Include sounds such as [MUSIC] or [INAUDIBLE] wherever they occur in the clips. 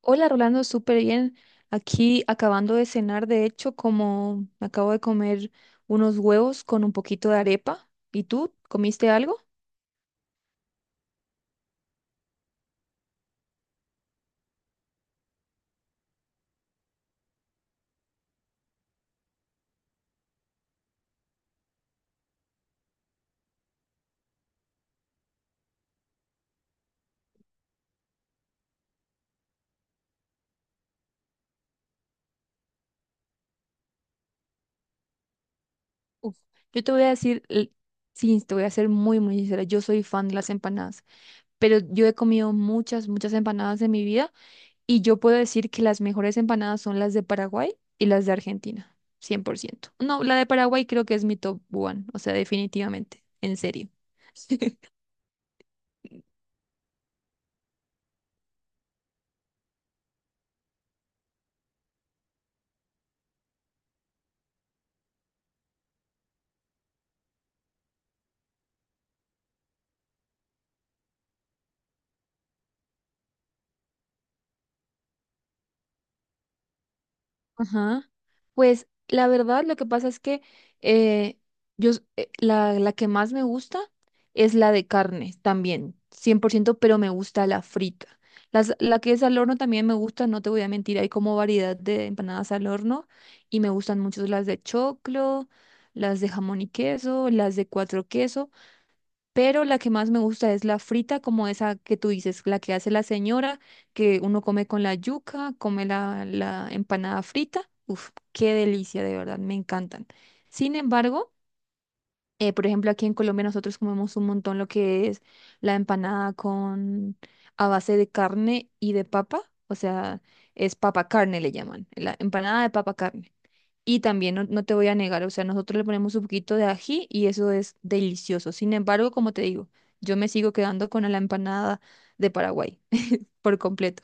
Hola Rolando, súper bien. Aquí acabando de cenar, de hecho, como me acabo de comer unos huevos con un poquito de arepa. ¿Y tú comiste algo? Uf, yo te voy a decir, sí, te voy a ser muy, muy sincera, yo soy fan de las empanadas, pero yo he comido muchas, muchas empanadas en mi vida y yo puedo decir que las mejores empanadas son las de Paraguay y las de Argentina, 100%. No, la de Paraguay creo que es mi top one, o sea, definitivamente, en serio. [LAUGHS] Ajá. Pues la verdad, lo que pasa es que eh, la que más me gusta es la de carne también, cien por ciento, pero me gusta la frita. La que es al horno también me gusta, no te voy a mentir, hay como variedad de empanadas al horno y me gustan mucho las de choclo, las de jamón y queso, las de cuatro queso. Pero la que más me gusta es la frita, como esa que tú dices, la que hace la señora, que uno come con la yuca, come la empanada frita. Uf, qué delicia, de verdad, me encantan. Sin embargo, por ejemplo, aquí en Colombia nosotros comemos un montón lo que es la empanada con a base de carne y de papa, o sea, es papa carne le llaman, la empanada de papa carne. Y también no, no te voy a negar, o sea, nosotros le ponemos un poquito de ají y eso es delicioso. Sin embargo, como te digo, yo me sigo quedando con la empanada de Paraguay por completo.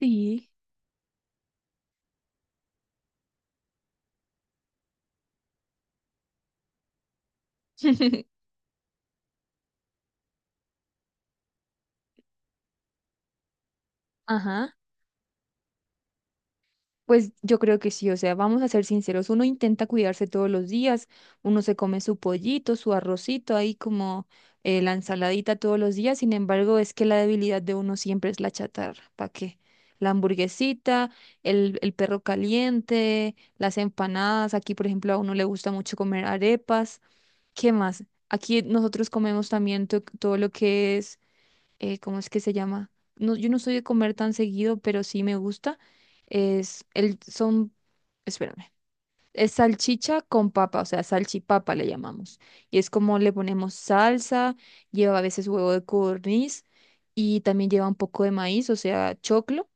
Sí. [LAUGHS] Ajá. Pues yo creo que sí, o sea, vamos a ser sinceros, uno intenta cuidarse todos los días, uno se come su pollito, su arrocito, ahí como la ensaladita todos los días, sin embargo, es que la debilidad de uno siempre es la chatarra, ¿para qué? La hamburguesita, el perro caliente, las empanadas, aquí por ejemplo a uno le gusta mucho comer arepas, ¿qué más? Aquí nosotros comemos también todo lo que es ¿cómo es que se llama? No, yo no soy de comer tan seguido, pero sí me gusta. Es el, son, espérame, es salchicha con papa, o sea, salchipapa le llamamos. Y es como le ponemos salsa, lleva a veces huevo de codorniz y también lleva un poco de maíz, o sea, choclo.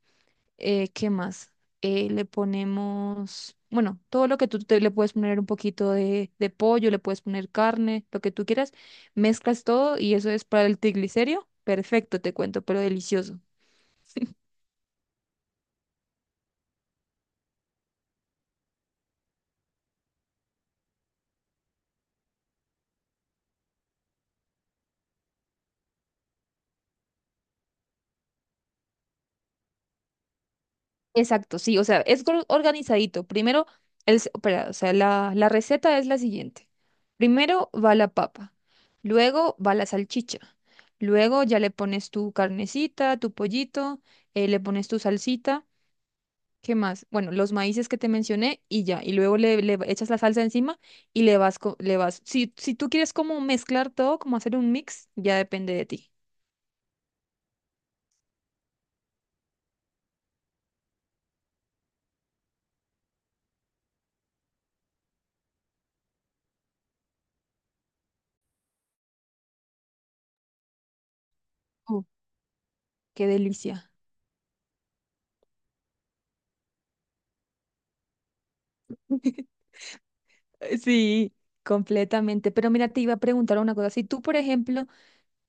¿Qué más? Le ponemos, bueno, todo lo que tú te, le puedes poner un poquito de pollo, le puedes poner carne, lo que tú quieras, mezclas todo y eso es para el triglicérido. Perfecto, te cuento, pero delicioso. Exacto, sí, o sea, es organizadito. Primero, espera, o sea, la receta es la siguiente. Primero va la papa, luego va la salchicha, luego ya le pones tu carnecita, tu pollito, le pones tu salsita. ¿Qué más? Bueno, los maíces que te mencioné y ya. Y luego le echas la salsa encima y le vas. Si, si tú quieres como mezclar todo, como hacer un mix, ya depende de ti. Uh, qué delicia. [LAUGHS] Sí, completamente. Pero mira, te iba a preguntar una cosa. Si tú, por ejemplo,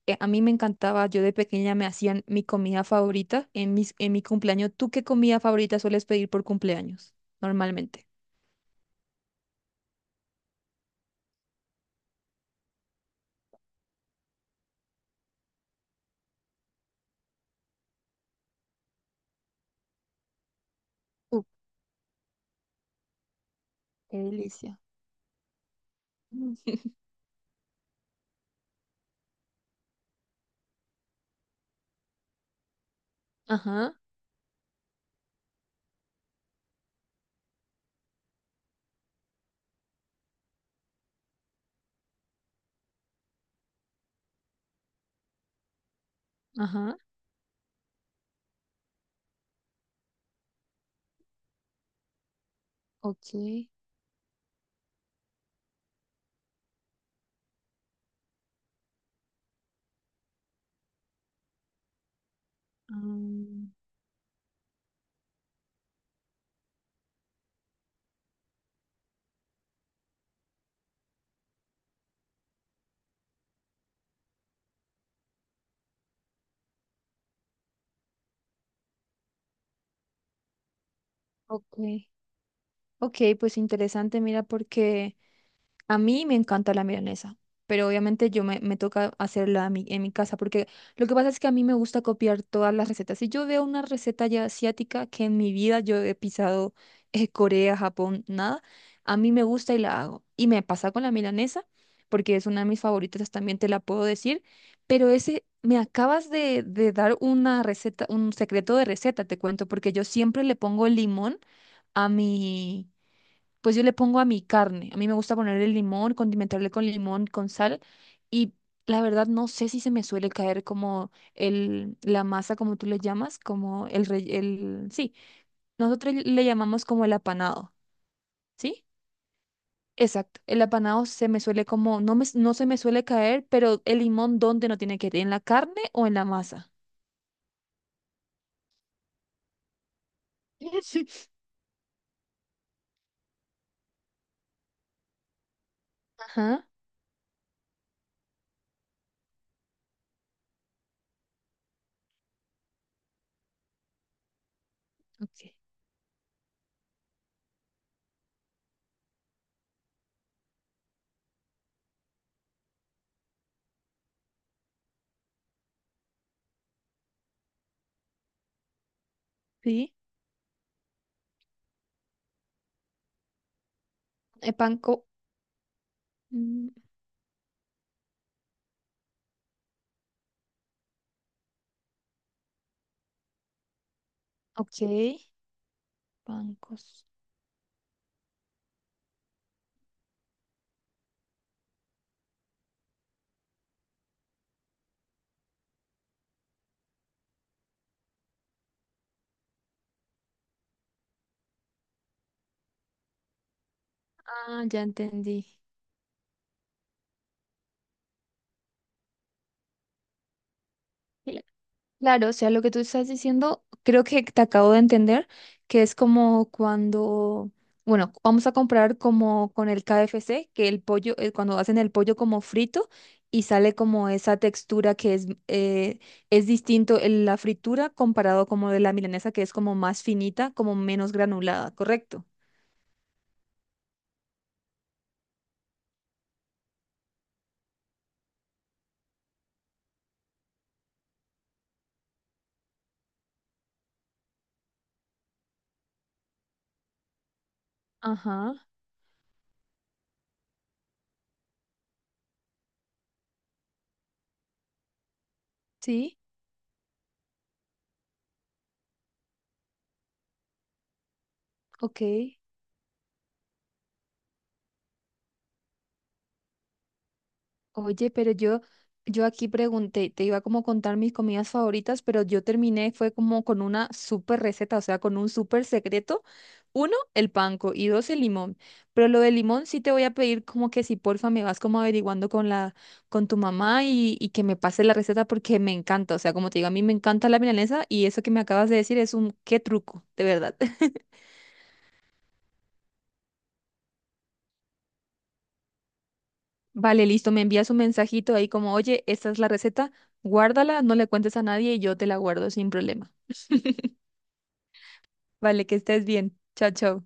a mí me encantaba, yo de pequeña me hacían mi comida favorita en en mi cumpleaños. ¿Tú qué comida favorita sueles pedir por cumpleaños normalmente? Uh, qué delicia. [LAUGHS] Ajá, ajá. Ok. Ok, ok, pues interesante, mira, porque... A mí me encanta la milanesa, pero obviamente yo me toca hacerla a mí- en mi casa, porque lo que pasa es que a mí me gusta copiar todas las recetas. Si yo veo una receta ya asiática que en mi vida yo he pisado Corea, Japón, nada, a mí me gusta y la hago. Y me pasa con la milanesa, porque es una de mis favoritas, también te la puedo decir, pero ese, me acabas de dar una receta, un secreto de receta, te cuento, porque yo siempre le pongo limón a mi, pues yo le pongo a mi carne. A mí me gusta ponerle limón, condimentarle con limón, con sal. Y la verdad no sé si se me suele caer como el, la masa, como tú le llamas, como sí, nosotros le llamamos como el apanado, ¿sí? Exacto, el apanado se me suele como, no se me suele caer, pero el limón, ¿dónde no tiene que ir? ¿En la carne o en la masa? [LAUGHS] Ajá, ok. Sí, el panco, mm, ok, pancos. Ah, ya entendí. [LAUGHS] Claro, o sea, lo que tú estás diciendo, creo que te acabo de entender, que es como cuando, bueno, vamos a comprar como con el KFC, que el pollo, cuando hacen el pollo como frito y sale como esa textura que es distinto en la fritura comparado como de la milanesa, que es como más finita, como menos granulada, ¿correcto? Ajá, sí, ok. Oye, pero yo aquí pregunté, te iba como a contar mis comidas favoritas, pero yo terminé, fue como con una súper receta, o sea, con un súper secreto. Uno, el panko y dos, el limón. Pero lo del limón sí te voy a pedir como que si porfa me vas como averiguando con la, con tu mamá y que me pase la receta porque me encanta. O sea, como te digo, a mí me encanta la milanesa y eso que me acabas de decir es un qué truco, de verdad. [LAUGHS] Vale, listo, me envías un mensajito ahí como, oye, esta es la receta, guárdala, no le cuentes a nadie y yo te la guardo sin problema. Vale, que estés bien. Chao, chao.